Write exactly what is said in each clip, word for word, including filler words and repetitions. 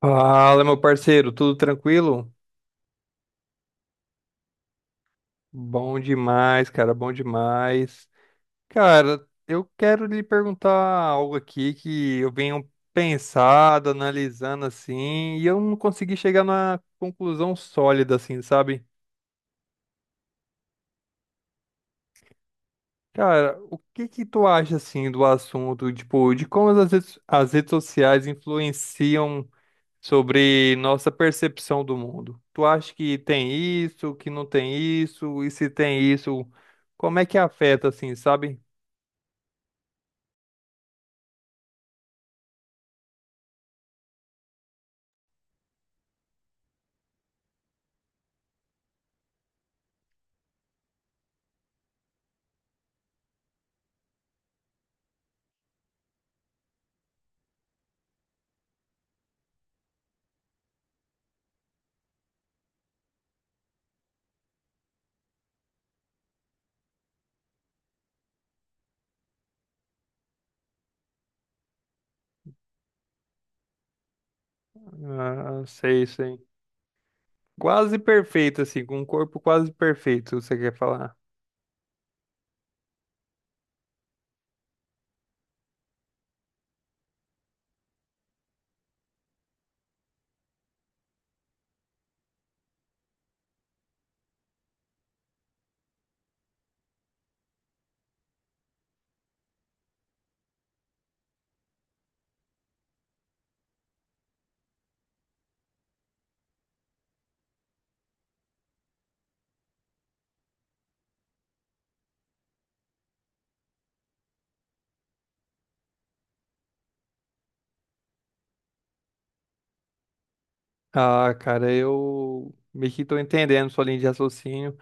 Fala, meu parceiro, tudo tranquilo? Bom demais, cara, bom demais. Cara, eu quero lhe perguntar algo aqui que eu venho pensado, analisando assim, e eu não consegui chegar na conclusão sólida, assim, sabe? Cara, o que que tu acha, assim, do assunto, tipo, de como as redes, as redes sociais influenciam sobre nossa percepção do mundo. Tu acha que tem isso, que não tem isso, e se tem isso, como é que afeta, assim, sabe? Ah, sei, sei. Quase perfeito, assim, com um corpo quase perfeito, você quer falar? Ah, cara, eu meio que tô entendendo sua linha de raciocínio.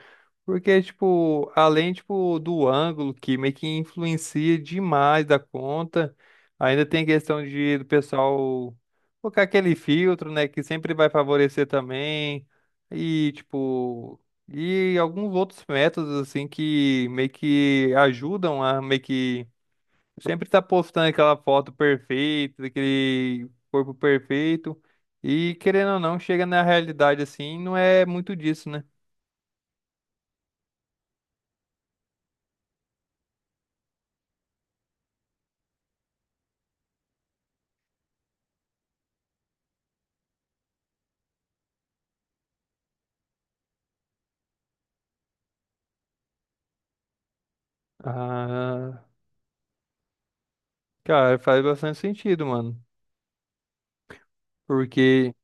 Porque, tipo, além, tipo, do ângulo que meio que influencia demais da conta, ainda tem questão de do pessoal colocar aquele filtro, né, que sempre vai favorecer também, e, tipo, e alguns outros métodos, assim, que meio que ajudam a meio que sempre tá postando aquela foto perfeita, aquele corpo perfeito, e querendo ou não, chega na realidade, assim, não é muito disso, né? Ah. Cara, faz bastante sentido, mano. Porque,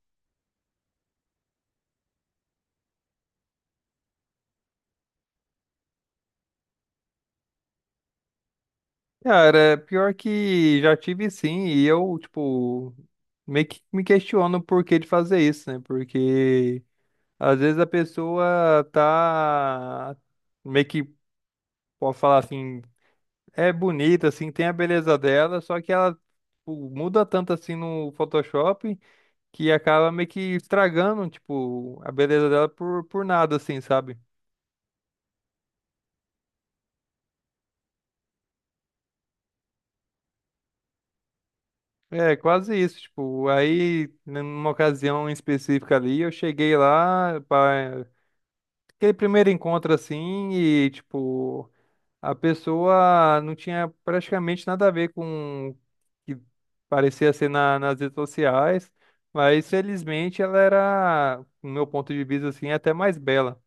cara, é pior que já tive sim, e eu, tipo, meio que me questiono o porquê de fazer isso, né? Porque às vezes a pessoa tá meio que pode falar assim, é bonita, assim, tem a beleza dela, só que ela tipo, muda tanto assim no Photoshop que acaba meio que estragando, tipo, a beleza dela por, por nada, assim, sabe? É, quase isso, tipo, aí numa ocasião específica ali, eu cheguei lá para aquele primeiro encontro assim e tipo, a pessoa não tinha praticamente nada a ver com o que parecia ser na- nas redes sociais, mas felizmente ela era, no meu ponto de vista assim, até mais bela.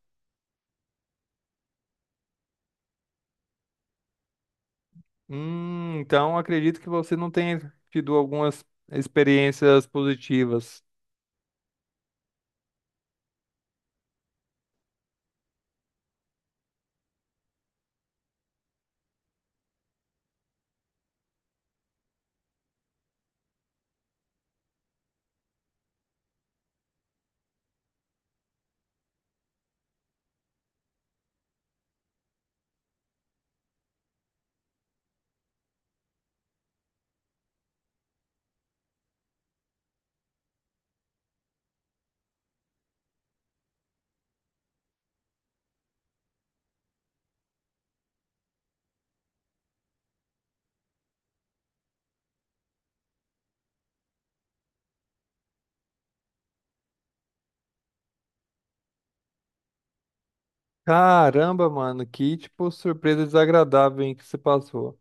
Hum, então acredito que você não tenha tido algumas experiências positivas. Caramba, mano, que tipo surpresa desagradável hein, que você passou.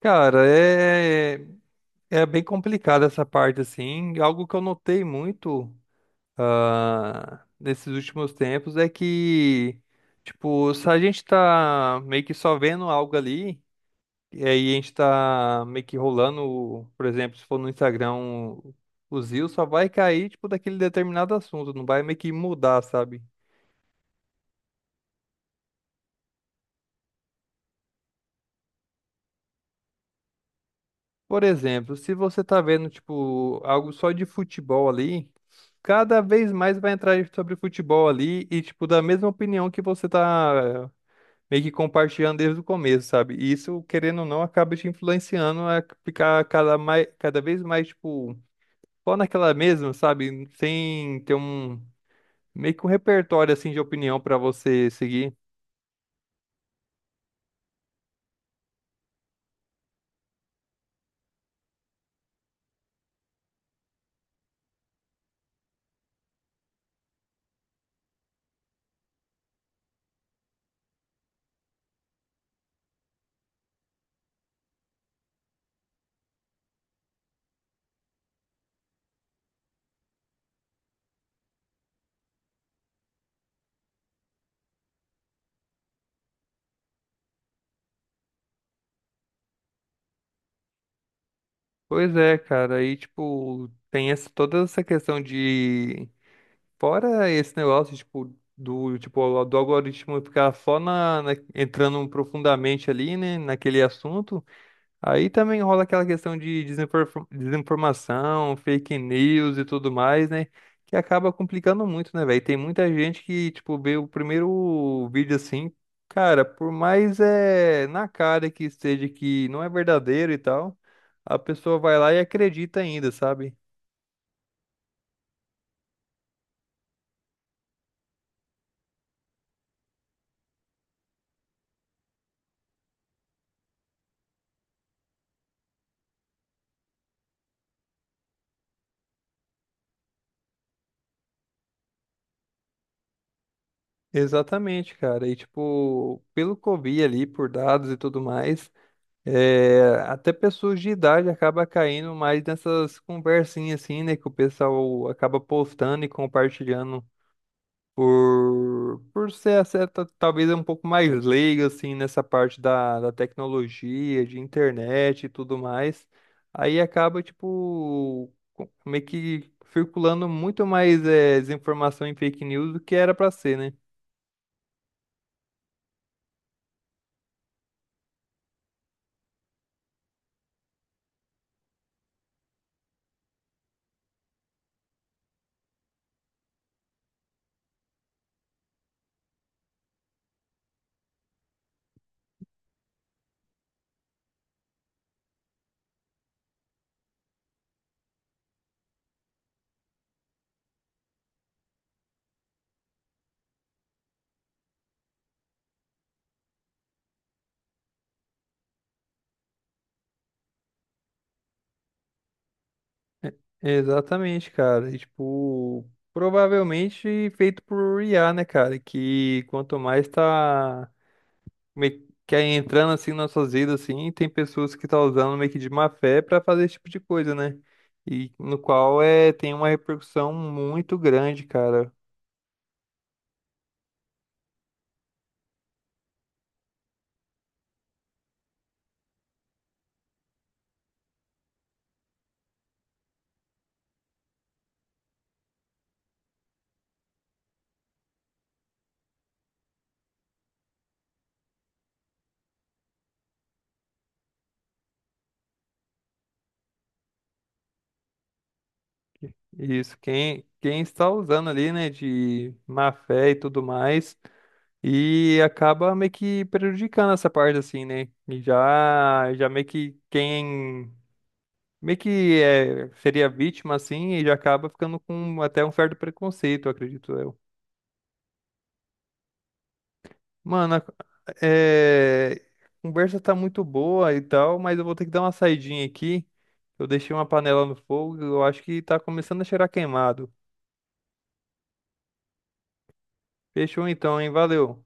Cara, é é bem complicada essa parte assim. Algo que eu notei muito ah, nesses últimos tempos é que tipo, se a gente tá meio que só vendo algo ali, e aí a gente tá meio que rolando, por exemplo, se for no Instagram, o Zio só vai cair tipo daquele determinado assunto, não vai meio que mudar, sabe? Por exemplo, se você tá vendo, tipo, algo só de futebol ali, cada vez mais vai entrar sobre futebol ali e, tipo, da mesma opinião que você tá eh, meio que compartilhando desde o começo, sabe? E isso, querendo ou não, acaba te influenciando a ficar cada, mais, cada vez mais, tipo, só naquela mesma, sabe? Sem ter um, meio que um repertório, assim, de opinião pra você seguir. Pois é, cara, aí, tipo, tem essa, toda essa questão de fora esse negócio, tipo, do, tipo, do algoritmo ficar só na, na- entrando profundamente ali, né, naquele assunto, aí também rola aquela questão de desinfor- desinformação, fake news e tudo mais, né, que acaba complicando muito, né, velho? Tem muita gente que, tipo, vê o primeiro vídeo assim, cara, por mais é na cara que esteja que não é verdadeiro e tal, a pessoa vai lá e acredita ainda, sabe? Exatamente, cara. E tipo, pelo que eu vi ali por dados e tudo mais, é, até pessoas de idade acaba caindo mais nessas conversinhas assim, né, que o pessoal acaba postando e compartilhando por por ser essa, ta- talvez um pouco mais leigo assim nessa parte da, da tecnologia, de internet e tudo mais. Aí acaba tipo co- meio que circulando muito mais é, desinformação em fake news do que era pra ser, né? Exatamente, cara. E, tipo, provavelmente feito por I A, né, cara? Que quanto mais tá meio que aí entrando assim nas nossas vidas, assim, tem pessoas que tá usando meio que de má fé pra fazer esse tipo de coisa, né? E no qual é tem uma repercussão muito grande, cara. Isso, quem quem está usando ali, né, de má fé e tudo mais, e acaba meio que prejudicando essa parte assim, né? E já já meio que quem meio que é, seria vítima assim e já acaba ficando com até um certo preconceito, acredito eu. Mano, a- é, a conversa tá muito boa e tal, mas eu vou ter que dar uma saidinha aqui. Eu deixei uma panela no fogo, eu acho que tá começando a cheirar queimado. Fechou então, hein? Valeu.